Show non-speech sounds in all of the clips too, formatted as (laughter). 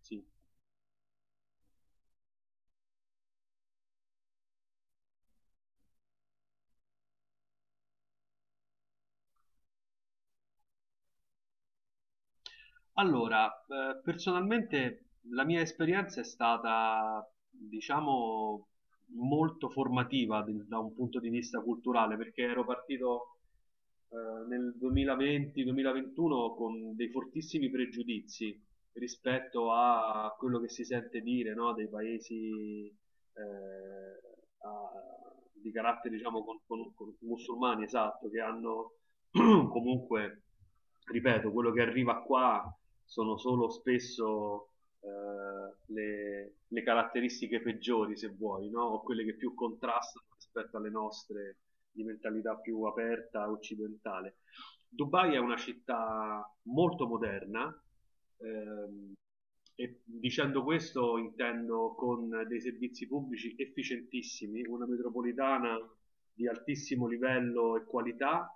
Sì. Allora, personalmente la mia esperienza è stata, diciamo, molto formativa da un punto di vista culturale, perché ero partito nel 2020-2021 con dei fortissimi pregiudizi rispetto a quello che si sente dire, no, dei paesi eh, a- di carattere, diciamo, musulmani, esatto, che hanno (clears throat) (coughs) comunque, ripeto, quello che arriva qua sono solo spesso le caratteristiche peggiori, se vuoi, no? O quelle che più contrastano rispetto alle nostre di mentalità più aperta occidentale. Dubai è una città molto moderna, ehm, e dicendo questo intendo con dei servizi pubblici efficientissimi, una metropolitana di altissimo livello e qualità.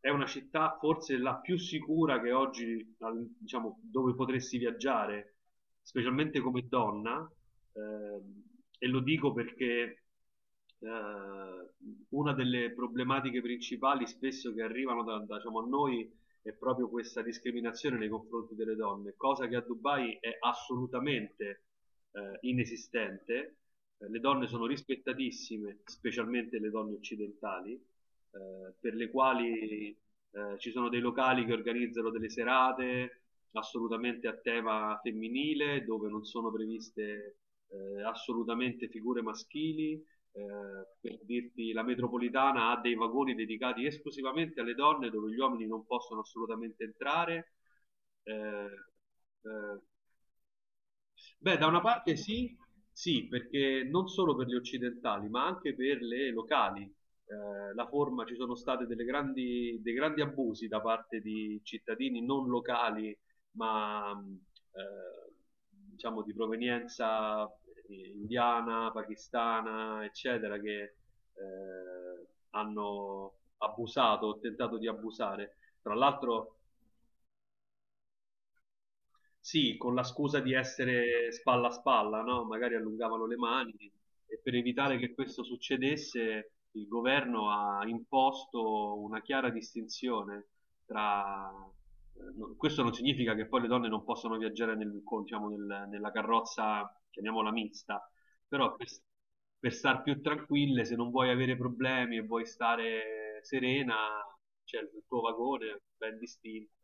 È una città forse la più sicura che oggi, diciamo, dove potresti viaggiare, specialmente come donna, ehm, e lo dico perché eh, una delle problematiche principali spesso che arrivano da, diciamo, a noi è proprio questa discriminazione nei confronti delle donne, cosa che a Dubai è assolutamente inesistente. Le donne sono rispettatissime, specialmente le donne occidentali, per le quali ci sono dei locali che organizzano delle serate assolutamente a tema femminile, dove non sono previste assolutamente figure maschili. Per dirti, la metropolitana ha dei vagoni dedicati esclusivamente alle donne, dove gli uomini non possono assolutamente entrare. Eh, eh, Beh, da una parte sì, sì, perché non solo per gli occidentali, ma anche per le locali. Ci sono state dei grandi abusi da parte di cittadini non locali, ma mh, eh, diciamo di provenienza indiana, pakistana, eccetera, che hanno abusato o tentato di abusare. Tra l'altro sì, con la scusa di essere spalla a spalla, no? Magari allungavano le mani, e per evitare che questo succedesse il governo ha imposto una chiara distinzione tra... Questo non significa che poi le donne non possono viaggiare diciamo, nella carrozza, chiamiamola mista, però per star più tranquille, se non vuoi avere problemi e vuoi stare serena, c'è il tuo vagone ben distinto.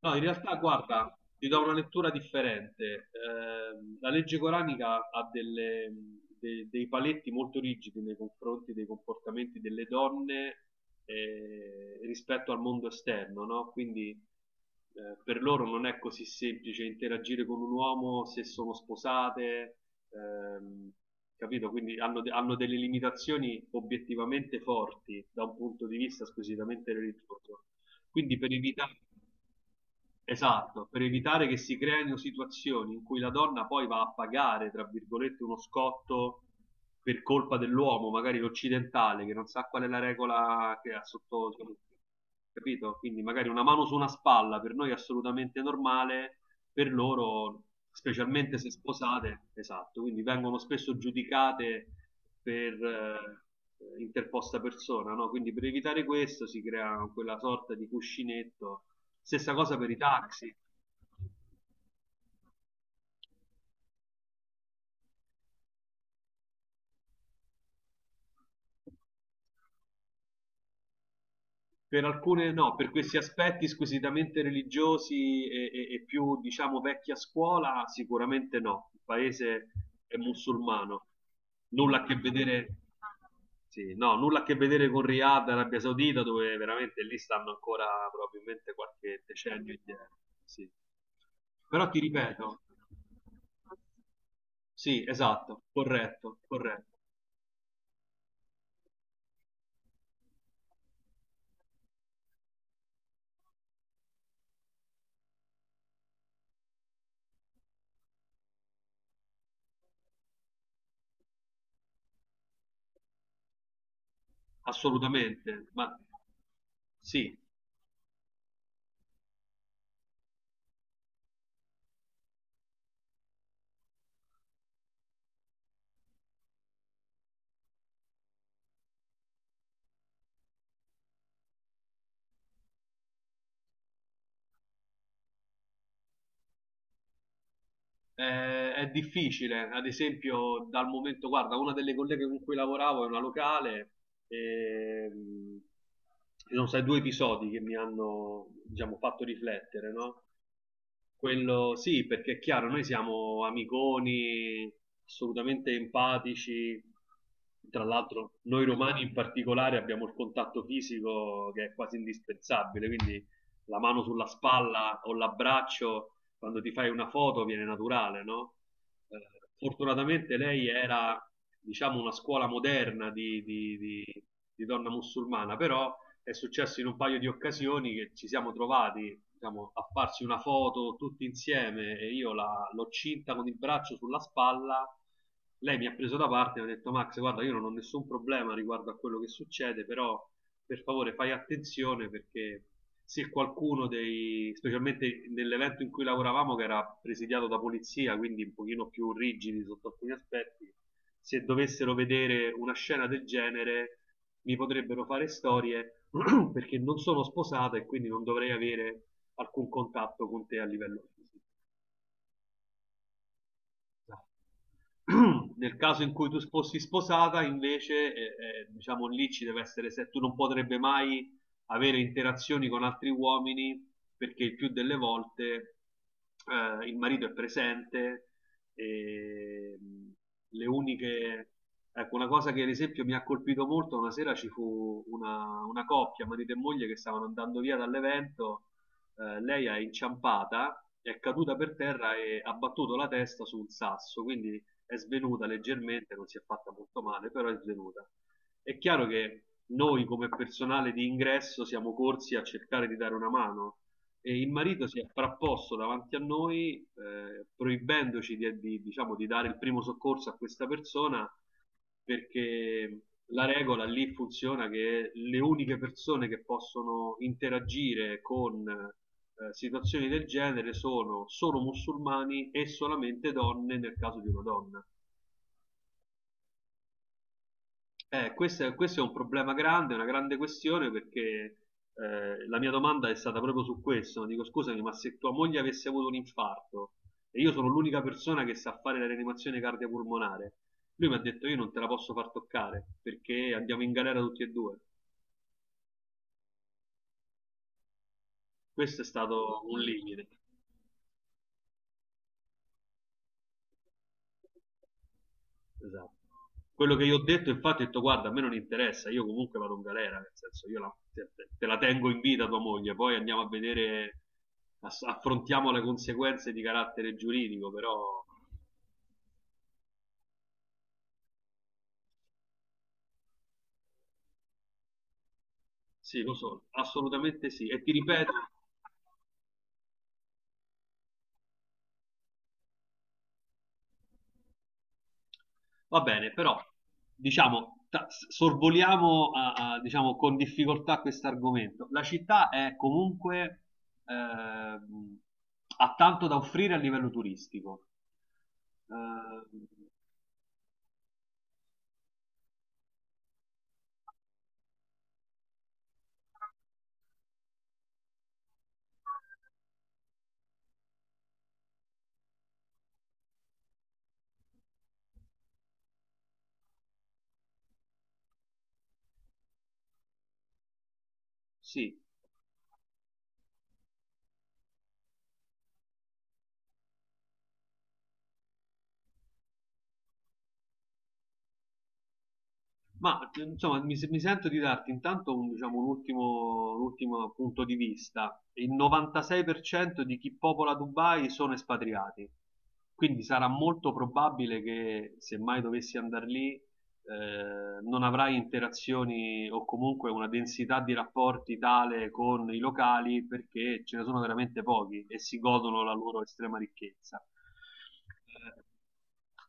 No, in realtà, guarda, ti do una lettura differente. La legge coranica ha dei paletti molto rigidi nei confronti dei comportamenti delle donne rispetto al mondo esterno, no? Quindi per loro non è così semplice interagire con un uomo se sono sposate, ehm, capito? Quindi hanno delle limitazioni obiettivamente forti da un punto di vista squisitamente religioso. Quindi per evitare, esatto, per evitare che si creino situazioni in cui la donna poi va a pagare, tra virgolette, uno scotto per colpa dell'uomo, magari l'occidentale, che non sa qual è la regola che ha sotto, capito? Quindi magari una mano su una spalla per noi è assolutamente normale, per loro, specialmente se sposate, esatto, quindi vengono spesso giudicate per interposta persona, no? Quindi per evitare questo si crea quella sorta di cuscinetto. Stessa cosa per i taxi. Per alcune no, per questi aspetti squisitamente religiosi più, diciamo, vecchia scuola, sicuramente no. Il paese è musulmano, nulla a che vedere, sì, no, nulla a che vedere con Riyadh, Arabia Saudita, dove veramente lì stanno ancora probabilmente qualche decennio indietro. Sì. Però ti ripeto, sì, esatto, corretto, corretto, assolutamente, ma sì. È difficile, ad esempio, dal momento, guarda, una delle colleghe con cui lavoravo è una locale, e, ci sono stati due episodi che mi hanno, diciamo, fatto riflettere, no? Quello sì, perché è chiaro, noi siamo amiconi, assolutamente empatici. Tra l'altro, noi romani in particolare abbiamo il contatto fisico che è quasi indispensabile, quindi la mano sulla spalla o l'abbraccio quando ti fai una foto viene naturale, no? Eh, Fortunatamente lei era, diciamo, una scuola moderna di donna musulmana, però è successo in un paio di occasioni che ci siamo trovati, diciamo, a farsi una foto tutti insieme, e io l'ho cinta con il braccio sulla spalla. Lei mi ha preso da parte e mi ha detto: "Max, guarda, io non ho nessun problema riguardo a quello che succede, però per favore fai attenzione, perché se qualcuno dei, specialmente nell'evento in cui lavoravamo che era presidiato da polizia, quindi un pochino più rigidi sotto alcuni aspetti, se dovessero vedere una scena del genere mi potrebbero fare storie (clears throat) (coughs) perché non sono sposato e quindi non dovrei avere alcun contatto con te a livello fisico." (clears throat) Nel caso in cui tu fossi sposata, invece, diciamo lì ci deve essere, se tu non potrebbe mai avere interazioni con altri uomini, perché il più delle volte il marito è presente e le uniche... Ecco, una cosa che ad esempio mi ha colpito molto: una sera ci fu una coppia, marito e moglie, che stavano andando via dall'evento, lei è inciampata, è caduta per terra e ha battuto la testa su un sasso, quindi è svenuta leggermente, non si è fatta molto male, però è svenuta. È chiaro che noi come personale di ingresso siamo corsi a cercare di dare una mano, e il marito si è frapposto davanti a noi proibendoci di, diciamo, di dare il primo soccorso a questa persona, perché la regola lì funziona che le uniche persone che possono interagire con situazioni del genere sono solo musulmani, e solamente donne nel caso di una donna. Questo è, questo è un problema grande, una grande questione, perché la mia domanda è stata proprio su questo. Dico: "Scusami, ma se tua moglie avesse avuto un infarto e io sono l'unica persona che sa fare la rianimazione cardiopulmonare..." Lui mi ha detto: "Io non te la posso far toccare perché andiamo in galera tutti e due." Questo è stato un limite. Esatto. Quello che io ho detto, infatti, ho detto: "Guarda, a me non interessa, io comunque vado in galera. Nel senso, io la, te, te la tengo in vita tua moglie, poi andiamo a vedere, affrontiamo le conseguenze di carattere giuridico." Però sì, lo so, assolutamente sì. E ti ripeto, va bene, però diciamo, sorvoliamo diciamo, con difficoltà questo argomento. La città è comunque, ehm, ha tanto da offrire a livello turistico. Eh, Sì, ma insomma mi, mi sento di darti intanto un, diciamo, un ultimo punto di vista. Il 96% di chi popola Dubai sono espatriati, quindi sarà molto probabile che se mai dovessi andare lì non avrai interazioni o comunque una densità di rapporti tale con i locali, perché ce ne sono veramente pochi e si godono la loro estrema ricchezza.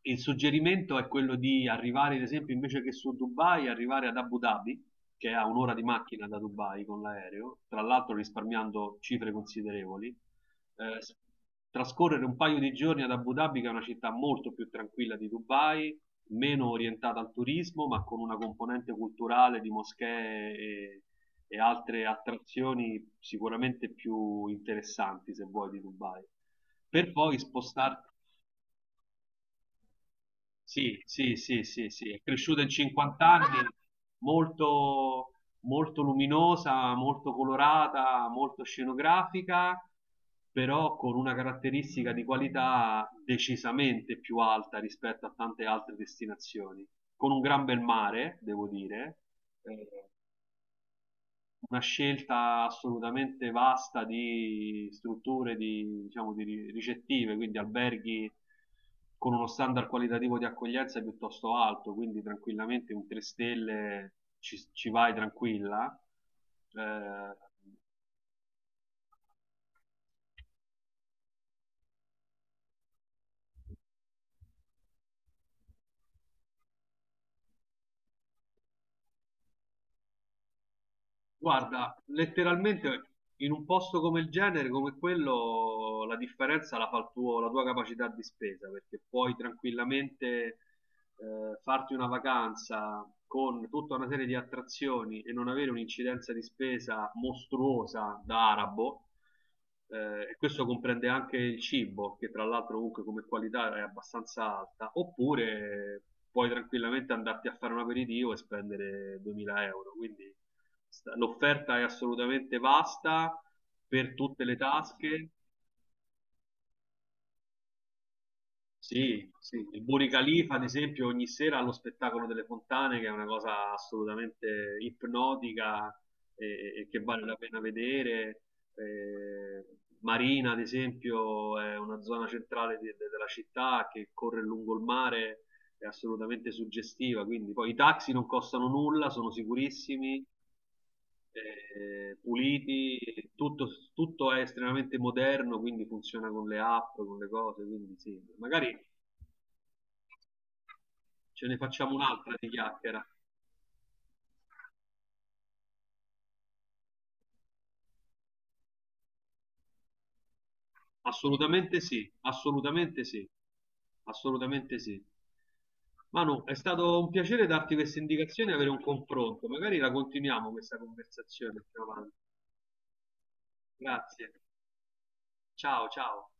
Eh, Il suggerimento è quello di arrivare, ad esempio, invece che su Dubai, arrivare ad Abu Dhabi, che è a un'ora di macchina da Dubai con l'aereo, tra l'altro risparmiando cifre considerevoli. Eh, s- trascorrere un paio di giorni ad Abu Dhabi, che è una città molto più tranquilla di Dubai, meno orientata al turismo, ma con una componente culturale di moschee e altre attrazioni sicuramente più interessanti, se vuoi, di Dubai. Per poi spostarti. Sì, sì, sì, sì, sì, è cresciuta in 50 anni, molto, molto luminosa, molto colorata, molto scenografica, però con una caratteristica di qualità decisamente più alta rispetto a tante altre destinazioni, con un gran bel mare, devo dire. eh, una scelta assolutamente vasta di strutture di, diciamo, di ricettive, quindi alberghi con uno standard qualitativo di accoglienza piuttosto alto, quindi tranquillamente un 3 stelle ci vai tranquilla. Eh, Guarda, letteralmente in un posto come il genere, come quello, la differenza la fa il la tua capacità di spesa, perché puoi tranquillamente farti una vacanza con tutta una serie di attrazioni e non avere un'incidenza di spesa mostruosa da arabo. E questo comprende anche il cibo, che tra l'altro comunque come qualità è abbastanza alta, oppure puoi tranquillamente andarti a fare un aperitivo e spendere 2000 euro, quindi l'offerta è assolutamente vasta per tutte le tasche. Sì, sì, il Burj Khalifa, ad esempio, ogni sera ha lo spettacolo delle fontane, che è una cosa assolutamente ipnotica e che vale la pena vedere. Eh, Marina, ad esempio, è una zona centrale della città che corre lungo il mare, è assolutamente suggestiva. Quindi, poi i taxi non costano nulla, sono sicurissimi, puliti, tutto, tutto è estremamente moderno, quindi funziona con le app, con le cose. Quindi, sì, magari. Ce ne facciamo un'altra di chiacchiera. Assolutamente sì, assolutamente sì, assolutamente sì. Manu, è stato un piacere darti queste indicazioni e avere un confronto. Magari la continuiamo questa conversazione più avanti. Grazie. Ciao, ciao.